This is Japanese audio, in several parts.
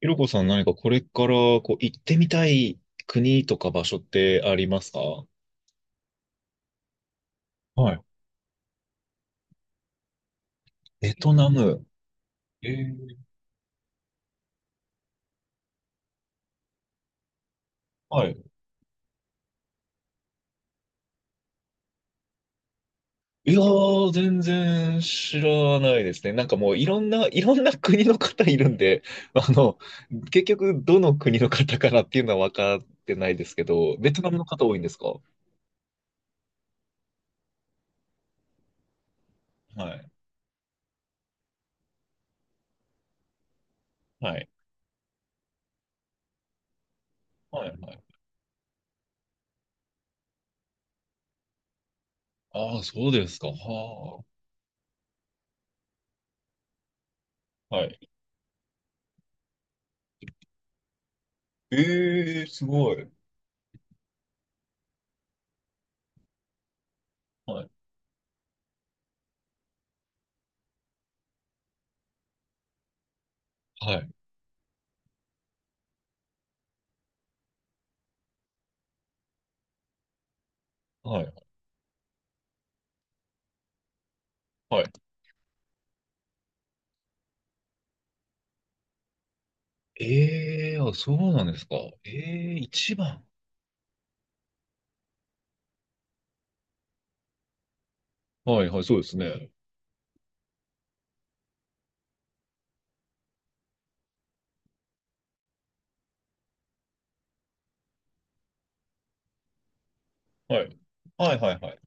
ひろこさん、何かこれからこう行ってみたい国とか場所ってありますか？はい。ベトナム。えー、はい。いやー、全然知らないですね。なんかもういろんな、いろんな国の方いるんで、あの、結局どの国の方からっていうのは分かってないですけど、ベトナムの方多いんですか？はい。はい。はい。はい。ああ、そうですか。はあ。はい。ええー、すごい。はい。はい。はい。はい。ええ、あ、そうなんですか。ええ、一番。はいはい、そうですね。はい。はいはいはい。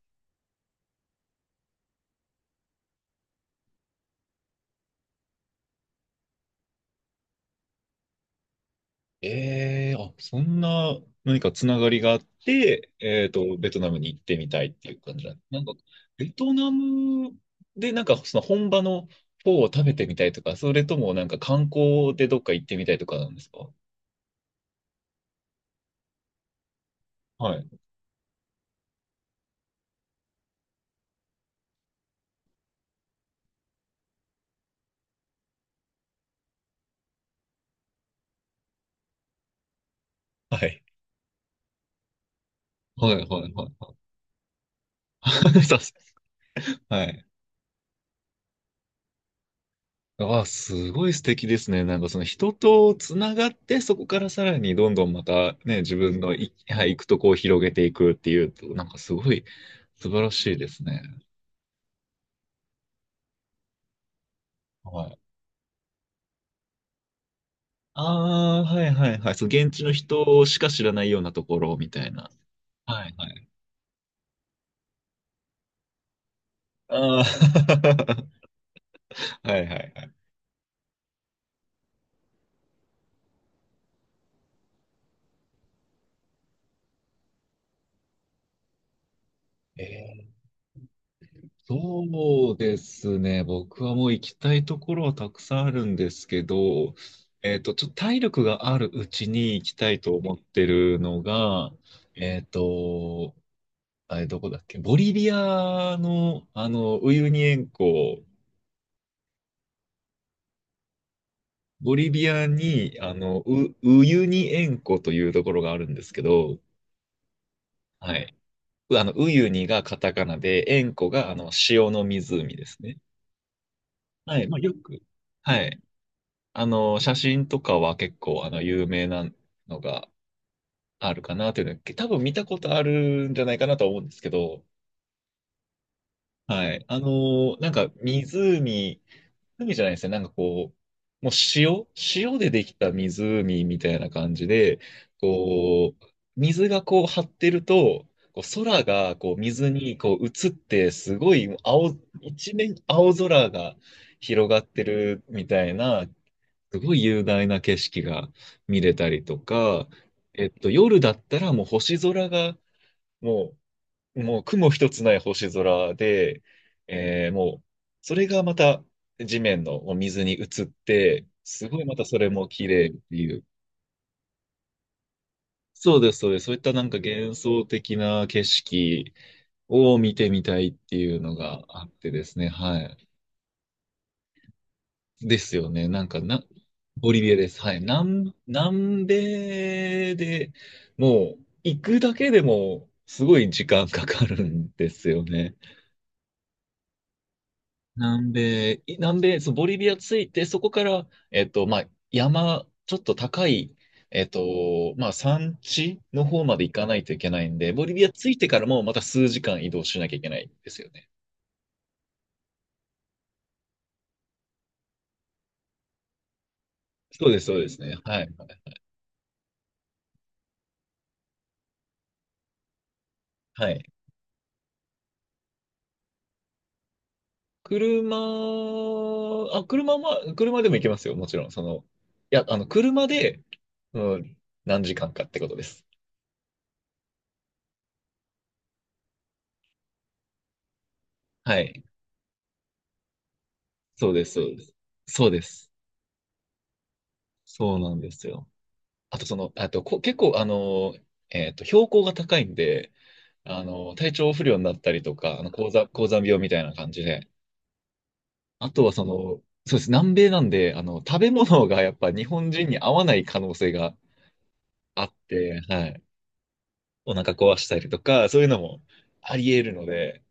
ええ、あ、そんな何かつながりがあって、えっと、ベトナムに行ってみたいっていう感じなんですなんか。ベトナムでなんかその本場のフォーを食べてみたいとか、それともなんか観光でどっか行ってみたいとかなんですか？はい。はい。はいはいはいはい。さす、はい。ああ、すごい素敵ですね。なんかその人とつながって、そこからさらにどんどんまたね、自分のい、はい、行くとこを広げていくっていうと、なんかすごい素晴らしいですね。はい。ああ、はいはいはい。そう、現地の人しか知らないようなところみたいな。はいはい。ああ、はいはいはい。え、そうですね。僕はもう行きたいところはたくさんあるんですけど、えっと、ちょっと体力があるうちに行きたいと思ってるのが、えっと、あれどこだっけ、ボリビアの、ウユニ塩湖。ボリビアに、ウ、ウユニ塩湖というところがあるんですけど、はい。う、あの、ウユニがカタカナで、塩湖が、あの、塩の湖ですね。はい。まあ、よく、はい、あの、写真とかは結構、あの、有名なのがあるかなというのは、多分見たことあるんじゃないかなとは思うんですけど、はい。あの、なんか湖、湖じゃないですね。なんかこう、もう塩、塩でできた湖みたいな感じで、こう、水がこう張ってると、こう空がこう水にこう映って、すごい青、一面青空が広がってるみたいな、すごい雄大な景色が見れたりとか、えっと、夜だったらもう星空が、もう、もう雲一つない星空で、えーもう、それがまた地面のお水に映って、すごいまたそれも綺麗っていう。そうです、そうです。そういったなんか幻想的な景色を見てみたいっていうのがあってですね。はい。ですよね。なんかな、ボリビアです。はい。南、南米で、もう行くだけでもすごい時間かかるんですよね。南米、い南米、そう、ボリビア着いて、そこから、えっと、まあ、山、ちょっと高い、えっと、まあ、山地の方まで行かないといけないんで、ボリビア着いてからもまた数時間移動しなきゃいけないんですよね。そうです、そうですね。はい。はい。車、あ、車、まあ、車でも行けますよ、もちろん。その、いや、あの、車で、うん、何時間かってことです。はい。そうです、そうです。そうです。そうなんですよ。あと、その、あと、こ、結構、あの、えっと、標高が高いんで、あの、体調不良になったりとか、あの、高山、高山病みたいな感じで、あとは、その、そうです、南米なんで、あの、食べ物がやっぱ日本人に合わない可能性があって、はい。お腹壊したりとか、そういうのもあり得るので、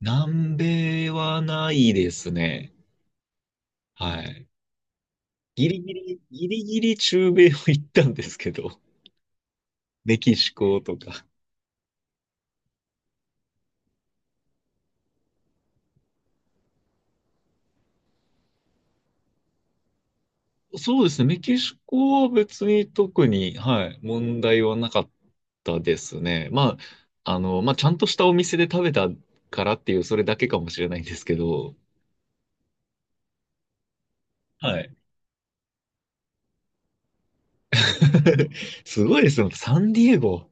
南米はないですね。はい。ギリギリ、ギリギリ中米を行ったんですけど、メキシコとか。そうですね、メキシコは別に特に、はい、問題はなかったですね。まあ、あの、まあ、ちゃんとしたお店で食べたからっていう、それだけかもしれないんですけど、はい。すごいですよ、サンディエゴ。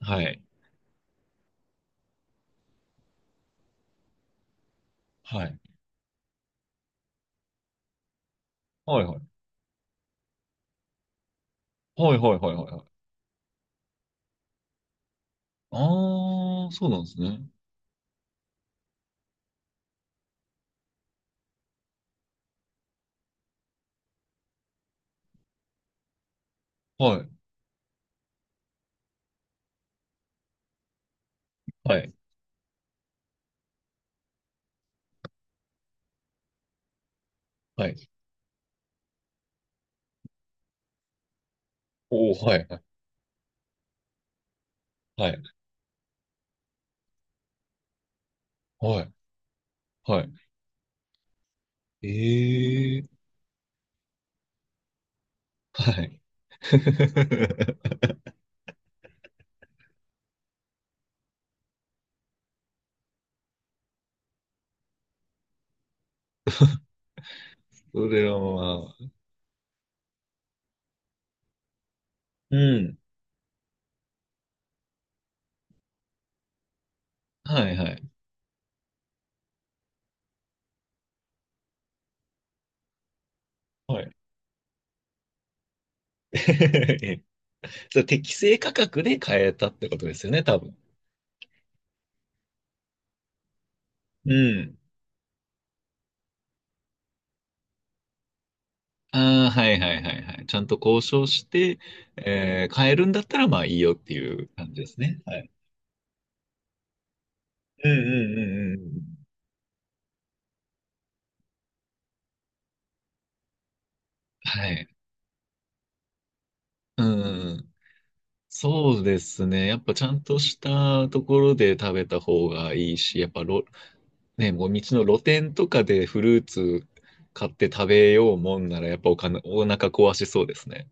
はい。はい。はいはい。はいはいはいはい。ああ、そうなんですね。はい。はい。はい。おお、はい。はい。はい。はい。ええ、はい。それはまあ、うん。はい、はい。はい。そゃ適正価格で買えたってことですよね、多分。うん。ああ、はいはいはいはい。ちゃんと交渉して、えー、買えるんだったらまあいいよっていう感じですね。はい。うんうんうんうんうん。はい。うんうんうん。そうですね。やっぱちゃんとしたところで食べた方がいいし、やっぱろ、ね、もう道の露店とかでフルーツ買って食べようもんなら、やっぱお金、お腹壊しそうですね。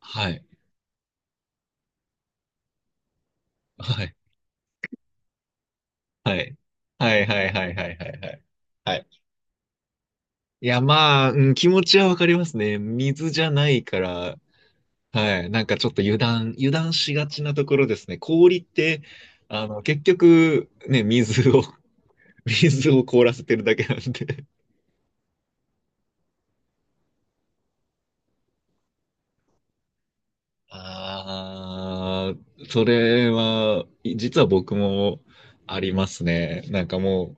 はい。はい。はい。はいはいはいはいはいはい。はい。いや、まあ、うん、気持ちはわかりますね。水じゃないから、はい。なんかちょっと油断、油断しがちなところですね。氷って、あの、結局、ね、水を 水を凍らせてるだけなんで。ああ、それは、い実は僕もありますね。なんかも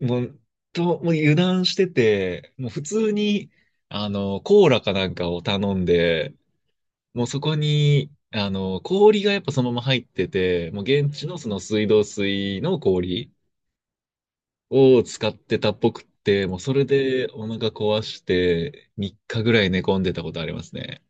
う、もう、と、もう油断してて、もう普通に、あの、コーラかなんかを頼んで、もうそこに、あの、氷がやっぱそのまま入ってて、もう現地のその水道水の氷を使ってたっぽくって、もうそれでお腹壊して3日ぐらい寝込んでたことありますね。